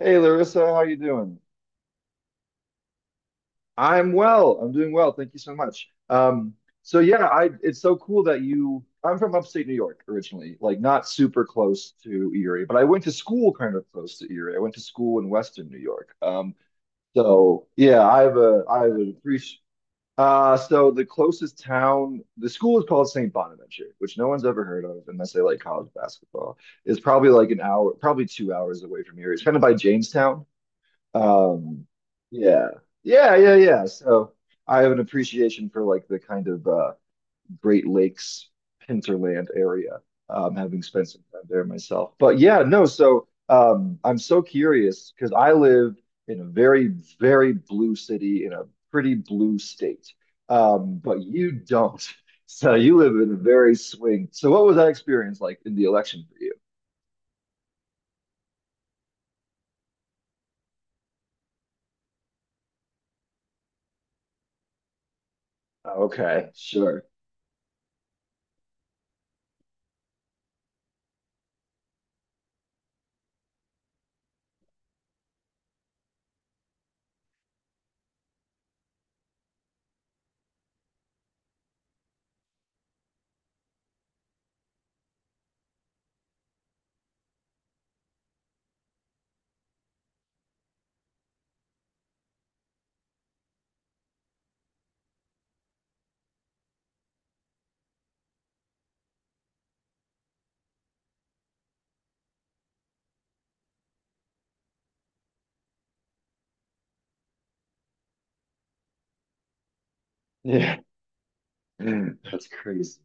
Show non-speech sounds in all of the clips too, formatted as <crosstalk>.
Hey Larissa, how you doing? I'm well. I'm doing well. Thank you so much. So yeah, I it's so cool that you I'm from upstate New York originally, like not super close to Erie, but I went to school kind of close to Erie. I went to school in Western New York. I have a appreci so the closest town, the school is called St. Bonaventure, which no one's ever heard of unless they like college basketball. It's probably like an hour, probably 2 hours away from here. It's kind of by Jamestown. Um, yeah, yeah. So I have an appreciation for like the kind of Great Lakes hinterland area, having spent some time there myself. But yeah, no. So I'm so curious because I live in a very, very blue city in a pretty blue state, but you don't. <laughs> So you live in a very swing. So what was that experience like in the election for you? Okay, sure. Yeah, <laughs> that's crazy.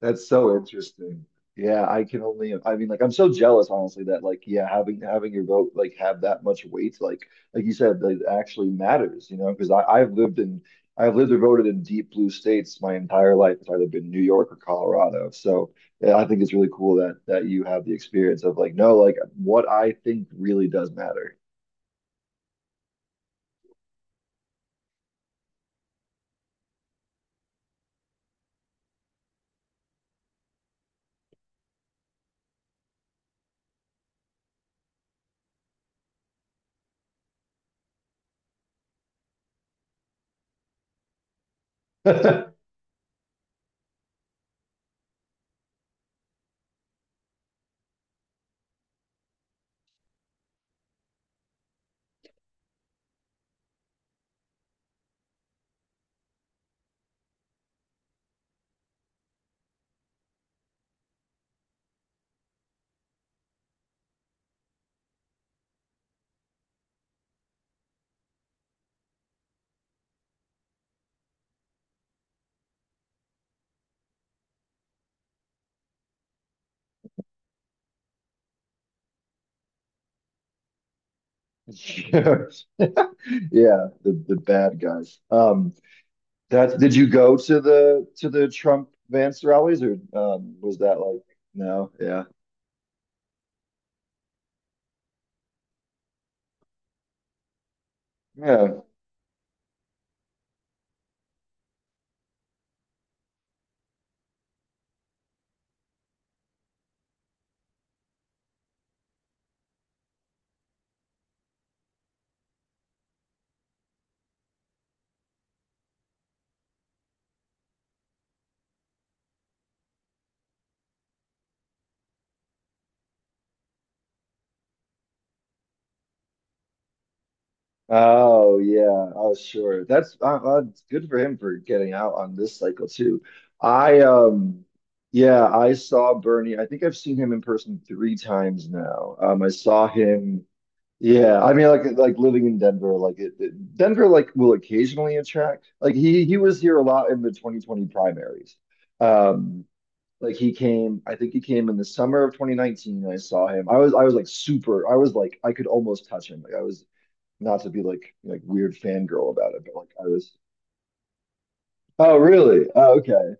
That's so interesting. Yeah, I can only, I mean, like, I'm so jealous, honestly, that like, yeah, having your vote like have that much weight, like you said, that it actually matters, you know, because I've lived or voted in deep blue states my entire life. It's either been New York or Colorado. So yeah, I think it's really cool that you have the experience of like, no, like what I think really does matter. <laughs> Yeah, the bad guys. That did you go to the Trump Vance rallies or was that like no? Yeah, yeah. Oh yeah. Oh sure. That's it's good for him for getting out on this cycle too. I um yeah, I saw Bernie. I think I've seen him in person 3 times now. I saw him. Yeah, I mean like living in Denver, like Denver like will occasionally attract. Like he was here a lot in the 2020 primaries. Um, Like he came, I think he came in the summer of 2019. And I saw him. I was like super. I was like I could almost touch him. Like I was not to be like weird fangirl about it, but like I was. Oh really? Oh okay,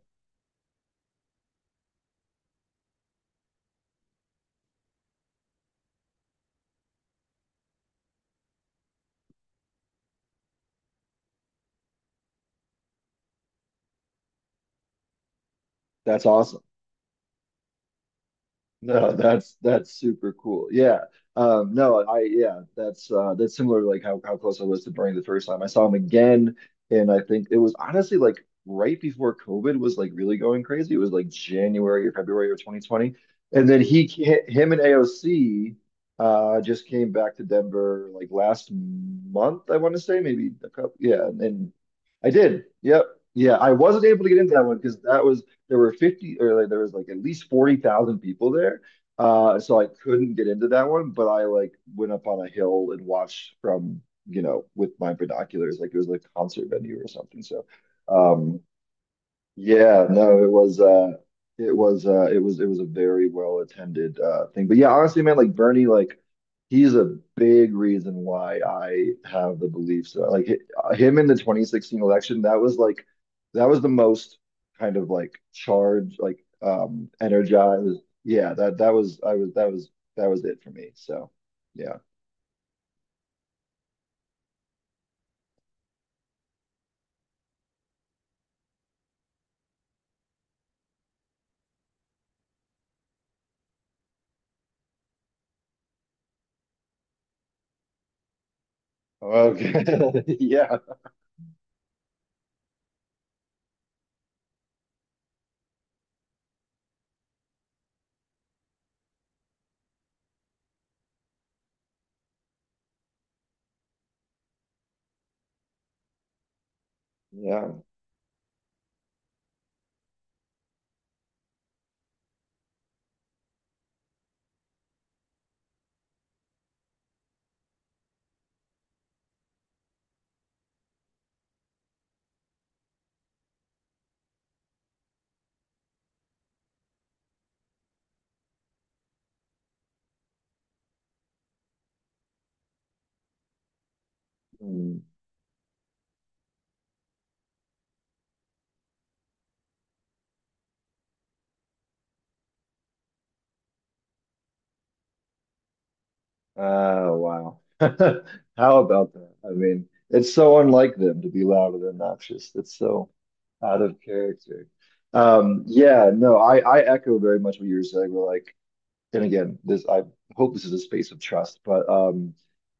that's awesome. No, that's super cool. Yeah. No, I yeah, that's similar to like how close I was to Bernie the first time. I saw him again and I think it was honestly like right before COVID was like really going crazy. It was like January or February of 2020. And then him and AOC just came back to Denver like last month, I want to say, maybe a couple yeah, and I did. Yep. Yeah, I wasn't able to get into that one because that was there were 50 or like, there was like at least 40,000 people there. So I couldn't get into that one, but I like went up on a hill and watched from, you know, with my binoculars, like it was like a concert venue or something. So, um, yeah, no, it was it was a very well attended thing. But yeah, honestly, man, like Bernie, like he's a big reason why I have the beliefs that like him in the 2016 election, that was like that was the most kind of like charged, like energized. Yeah, that that was I was that was that was it for me. So yeah. Okay. <laughs> Yeah. Yeah. Mm. Oh, wow. <laughs> How about that? I mean, it's so unlike them to be loud and obnoxious. That's so out of character. Yeah, no, I echo very much what you were saying. We're like, and again, this I hope this is a space of trust, but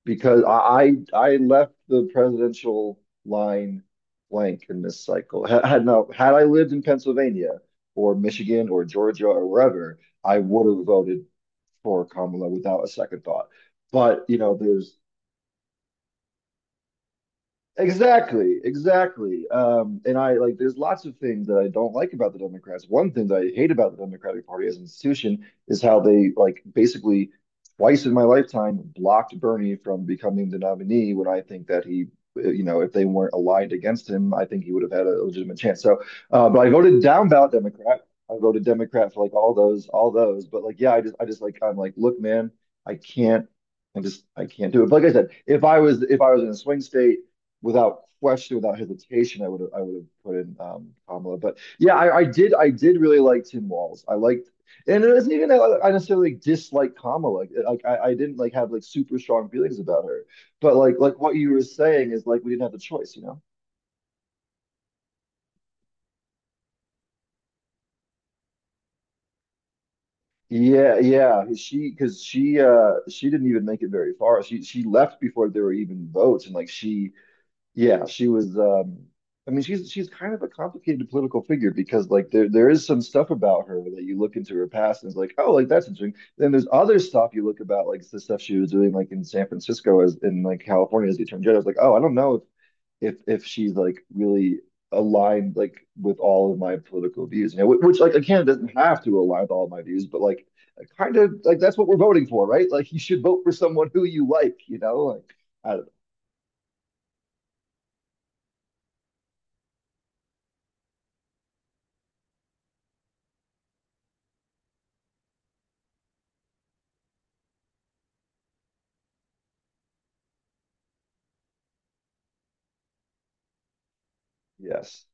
because I left the presidential line blank in this cycle. Had, had no, had I lived in Pennsylvania or Michigan or Georgia or wherever, I would have voted for Kamala without a second thought. But you know, there's Exactly, exactly. And I like there's lots of things that I don't like about the Democrats. One thing that I hate about the Democratic Party as an institution is how they like basically twice in my lifetime blocked Bernie from becoming the nominee when I think that you know, if they weren't aligned against him, I think he would have had a legitimate chance. So, but I voted down ballot Democrat. I voted Democrat for like all those, all those. But like, yeah, I just like, I'm like, look, man, I can't. I can't do it. But like I said, if I was in a swing state without question, without hesitation, I would have put in Kamala. But yeah, I did really like Tim Walz. I liked, and it isn't even that like, I necessarily dislike Kamala. Like, I didn't like have like super strong feelings about her. But like what you were saying is like we didn't have the choice, you know? Yeah, yeah. She because she didn't even make it very far. She left before there were even votes, and like she Yeah, she was. I mean, she's kind of a complicated political figure because like there is some stuff about her that you look into her past and it's like, oh, like that's interesting. Then there's other stuff you look about, like the stuff she was doing like in San Francisco as in like California as the attorney general. I was like, oh, I don't know if she's like really aligned like with all of my political views, you know, which like again doesn't have to align with all of my views, but like kind of like that's what we're voting for, right? Like you should vote for someone who you like, you know, like I don't know. Yes.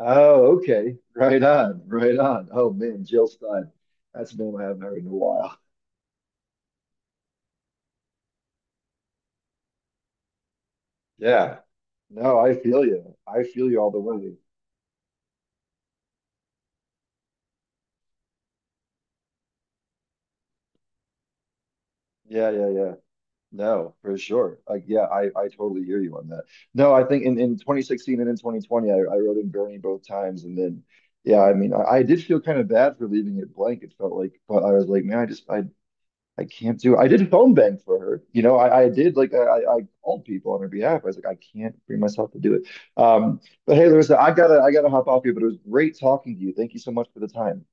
Oh, okay. Right on. Right on. Oh man, Jill Stein. That's a name I haven't heard in a while. Yeah. No, I feel you. I feel you all the way. Yeah, yeah, yeah. No, for sure. Like, yeah, I totally hear you on that. No, I think in 2016 and in 2020, I wrote in Bernie both times. And then, yeah, I mean, I did feel kind of bad for leaving it blank. It felt like, but I was like, man, I can't do. I did phone bank for her. You know, I did like I called people on her behalf. I was like, I can't bring myself to do it. Um, but hey, Larissa, I gotta hop off here. But it was great talking to you. Thank you so much for the time.